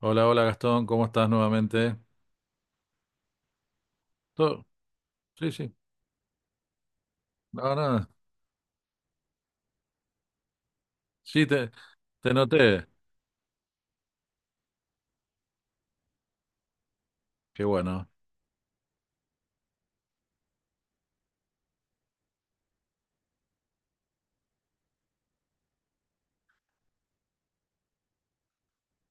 Hola, hola Gastón, ¿cómo estás nuevamente? ¿Todo? Sí, sí, no, nada. Sí, te noté. Qué bueno.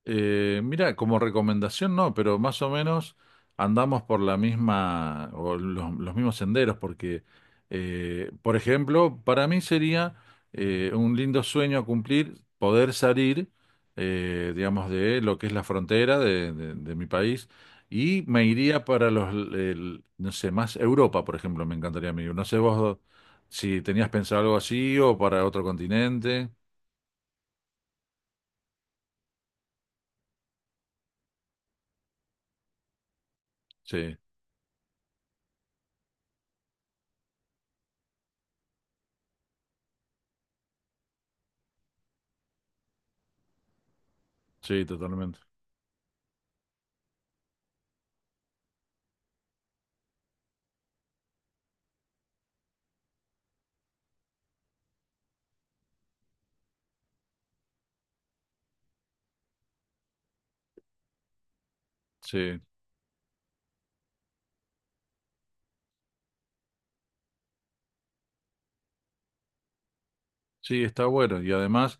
Mira, como recomendación no, pero más o menos andamos por la misma o los mismos senderos, porque, por ejemplo, para mí sería un lindo sueño a cumplir poder salir, digamos, de lo que es la frontera de mi país y me iría para no sé, más Europa, por ejemplo, me encantaría a mí. No sé vos si tenías pensado algo así o para otro continente. Sí, sí, totalmente. Sí. Sí, está bueno. Y además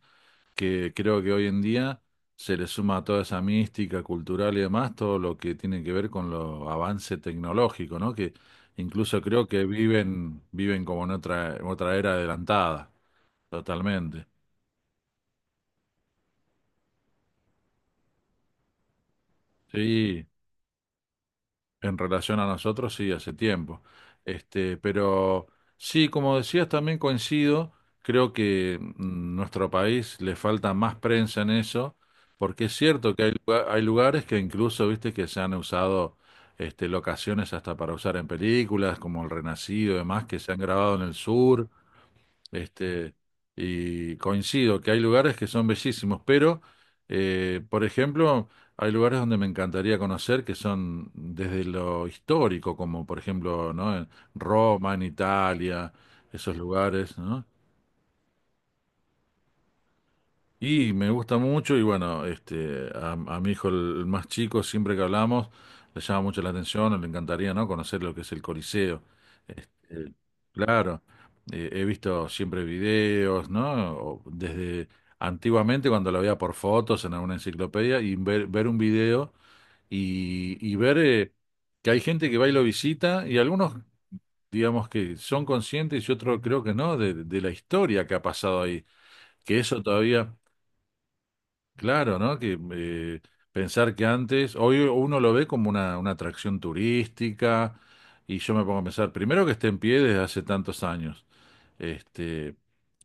que creo que hoy en día se le suma a toda esa mística cultural y demás todo lo que tiene que ver con los avances tecnológicos, ¿no? Que incluso creo que viven como en otra era adelantada, totalmente. Sí, en relación a nosotros, sí, hace tiempo. Pero sí, como decías, también coincido, creo que nuestro país le falta más prensa en eso, porque es cierto que hay lugares que incluso, viste, que se han usado, locaciones hasta para usar en películas, como El Renacido y demás, que se han grabado en el sur. Este, y coincido que hay lugares que son bellísimos, pero, por ejemplo, hay lugares donde me encantaría conocer que son desde lo histórico, como por ejemplo, ¿no? En Roma, en Italia, esos lugares, ¿no? Y me gusta mucho y bueno, a mi hijo, el más chico, siempre que hablamos, le llama mucho la atención, le encantaría, ¿no? Conocer lo que es el Coliseo. Este, claro, he visto siempre videos, ¿no? O desde antiguamente cuando lo veía por fotos en alguna enciclopedia y ver un video, y ver, que hay gente que va y lo visita y algunos, digamos, que son conscientes y otros creo que no, de la historia que ha pasado ahí, que eso todavía... Claro, ¿no? Que, pensar que antes, hoy uno lo ve como una atracción turística, y yo me pongo a pensar, primero, que esté en pie desde hace tantos años. Este,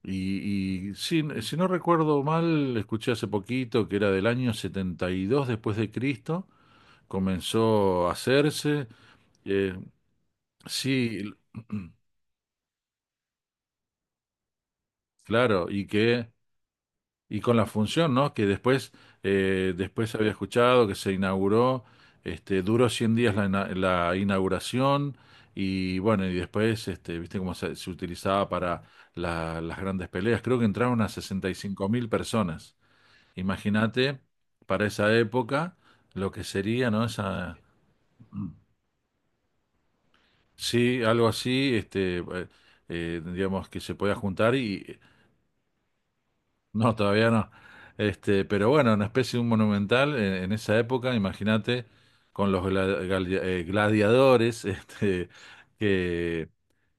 y, si no recuerdo mal, escuché hace poquito que era del año 72 después de Cristo, comenzó a hacerse. eh, sí, claro, y que y con la función, ¿no? Que después, después había escuchado que se inauguró, duró 100 días la, la inauguración, y bueno, y después, viste cómo se utilizaba para las grandes peleas. Creo que entraron a 65.000 personas. Imagínate, para esa época, lo que sería, ¿no? Esa, sí, algo así, digamos, que se podía juntar. Y no, todavía no. Pero bueno, una especie de un monumental en esa época, imagínate, con los gladiadores, este, que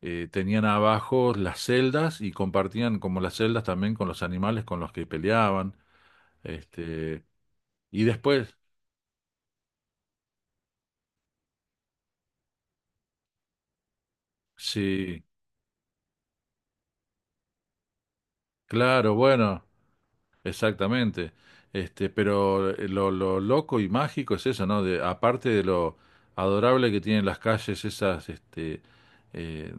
tenían abajo las celdas y compartían como las celdas también con los animales con los que peleaban. Este, y después, sí, claro, bueno. Exactamente. Lo loco y mágico es eso, ¿no? De, aparte de lo adorable que tienen las calles, esas, eh,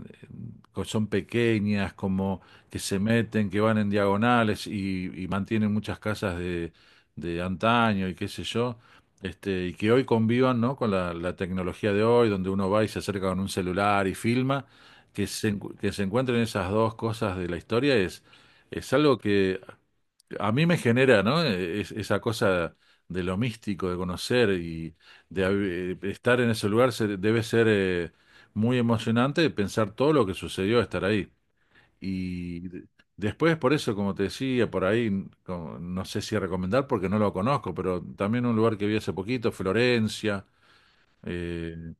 son pequeñas, como que se meten, que van en diagonales, y mantienen muchas casas de antaño y qué sé yo. Y que hoy convivan, ¿no? Con la tecnología de hoy, donde uno va y se acerca con un celular y filma, que se encuentren esas dos cosas de la historia, es algo que a mí me genera, ¿no? Esa cosa de lo místico, de conocer y de estar en ese lugar. Debe ser, muy emocionante pensar todo lo que sucedió estar ahí. Y de- Después, por eso, como te decía, por ahí, no sé si recomendar porque no lo conozco, pero también un lugar que vi hace poquito, Florencia, eh,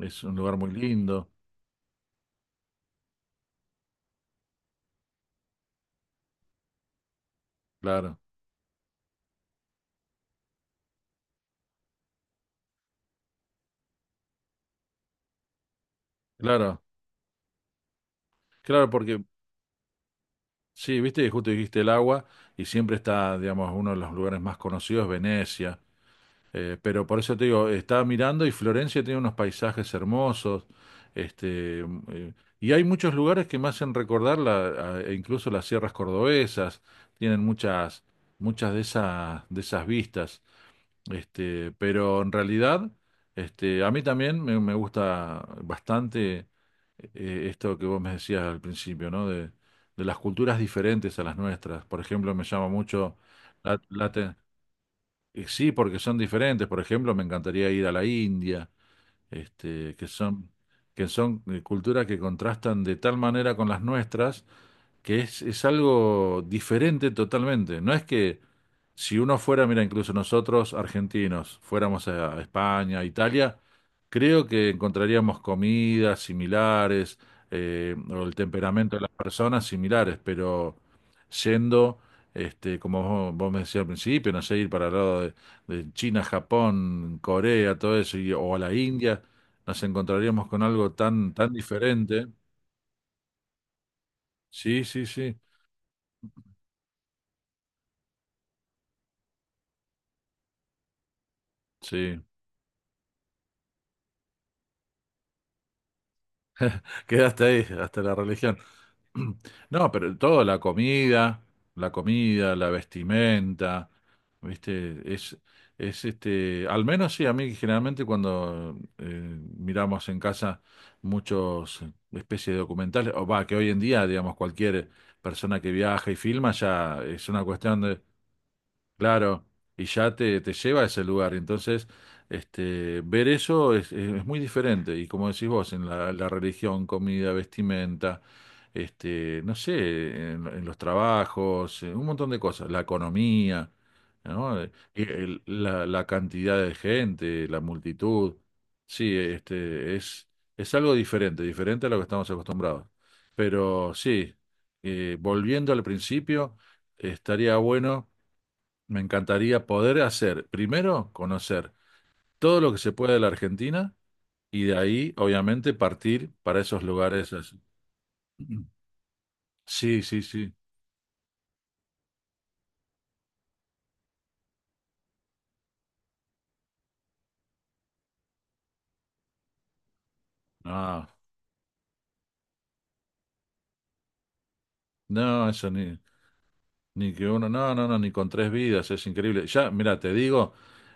es un lugar muy lindo, claro, claro, claro, porque sí, viste, que justo dijiste el agua, y siempre está, digamos, uno de los lugares más conocidos, Venecia. Pero por eso te digo, estaba mirando y Florencia tiene unos paisajes hermosos. Este, m- eh, y hay muchos lugares que me hacen recordar la, e incluso las sierras cordobesas, tienen muchas, muchas de esas vistas. Pero en realidad, a mí también me gusta bastante, esto que vos me decías al principio, ¿no? De las culturas diferentes a las nuestras. Por ejemplo, me llama mucho la, la te- sí, porque son diferentes. Por ejemplo, me encantaría ir a la India, este, que son, que son culturas que contrastan de tal manera con las nuestras, que es algo diferente totalmente. No es que si uno fuera, mira, incluso nosotros argentinos, fuéramos a España, a Italia, creo que encontraríamos comidas similares, o el temperamento de las personas similares. Pero yendo, como vos me decías al principio, no sé, ir para el lado de China, Japón, Corea, todo eso, o a la India, nos encontraríamos con algo tan, tan diferente. Sí, sí, sí, sí. Quedaste ahí, hasta la religión. No, pero todo, la comida, la comida, la vestimenta, ¿viste? Es, al menos sí, a mí generalmente cuando, miramos en casa muchos, especies de documentales, o va, que hoy en día, digamos, cualquier persona que viaja y filma ya es una cuestión. Claro, y ya te lleva a ese lugar. Entonces, ver eso es muy diferente. Y como decís vos, en la religión, comida, vestimenta, no sé, en los trabajos, en un montón de cosas, la economía, ¿no? La cantidad de gente, la multitud. Sí, es algo diferente, diferente a lo que estamos acostumbrados. Pero sí, volviendo al principio, estaría bueno, me encantaría poder hacer, primero, conocer todo lo que se puede de la Argentina y de ahí, obviamente, partir para esos lugares, así. Sí, sí, sí. No, no, eso ni, ni que uno, no, no, no, ni con tres vidas, es increíble. Ya, mira, te digo,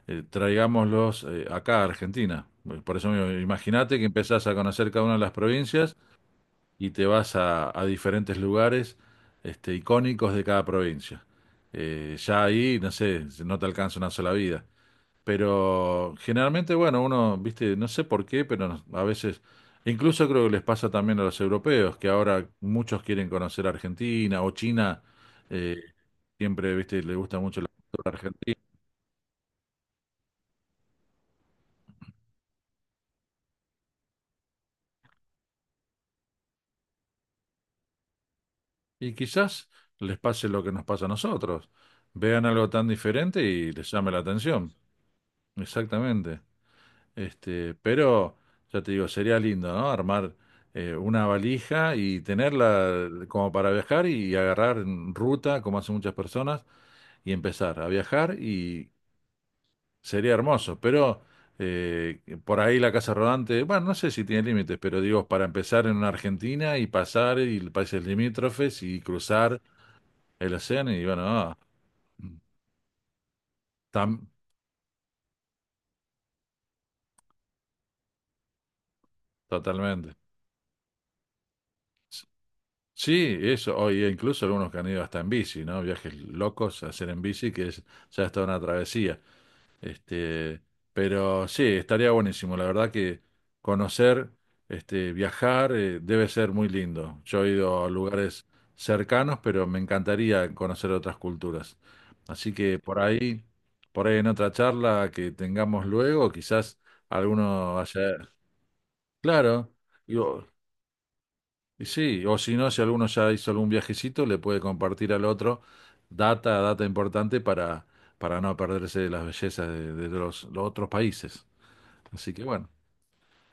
traigámoslos, acá a Argentina. Por eso mismo, imagínate que empezás a conocer cada una de las provincias y te vas a diferentes lugares, icónicos de cada provincia. Ya ahí, no sé, no te alcanza una sola vida. Pero generalmente, bueno, uno, viste, no sé por qué, pero a veces, incluso creo que les pasa también a los europeos, que ahora muchos quieren conocer Argentina o China. eh, siempre, viste, le gusta mucho la cultura argentina. Y quizás les pase lo que nos pasa a nosotros. Vean algo tan diferente y les llame la atención. Exactamente. Pero ya te digo, sería lindo, ¿no? Armar, una valija y tenerla, como para viajar y agarrar en ruta, como hacen muchas personas, y empezar a viajar, y sería hermoso. Pero, eh, por ahí la casa rodante, bueno, no sé si tiene límites, pero digo, para empezar en una Argentina y pasar y países limítrofes y cruzar el océano, y bueno, mm, tam- totalmente. Sí, eso, hoy incluso algunos que han ido hasta en bici, ¿no? Viajes locos a hacer en bici, que es, ya está una travesía. Este, pero sí, estaría buenísimo. La verdad que conocer, viajar, debe ser muy lindo. Yo he ido a lugares cercanos, pero me encantaría conocer otras culturas. Así que por ahí en otra charla que tengamos luego, quizás alguno vaya. Claro. Y sí, o si no, si alguno ya hizo algún viajecito, le puede compartir al otro data importante, para no perderse de las bellezas de los otros países. Así que bueno,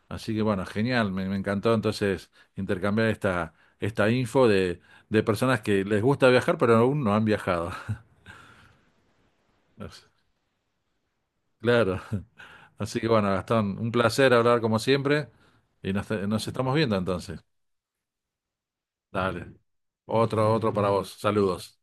así que bueno, genial, me encantó entonces intercambiar esta info de personas que les gusta viajar, pero aún no han viajado. Claro. Así que bueno, Gastón, un placer hablar como siempre y nos estamos viendo entonces. Dale. Otro, otro para vos. Saludos.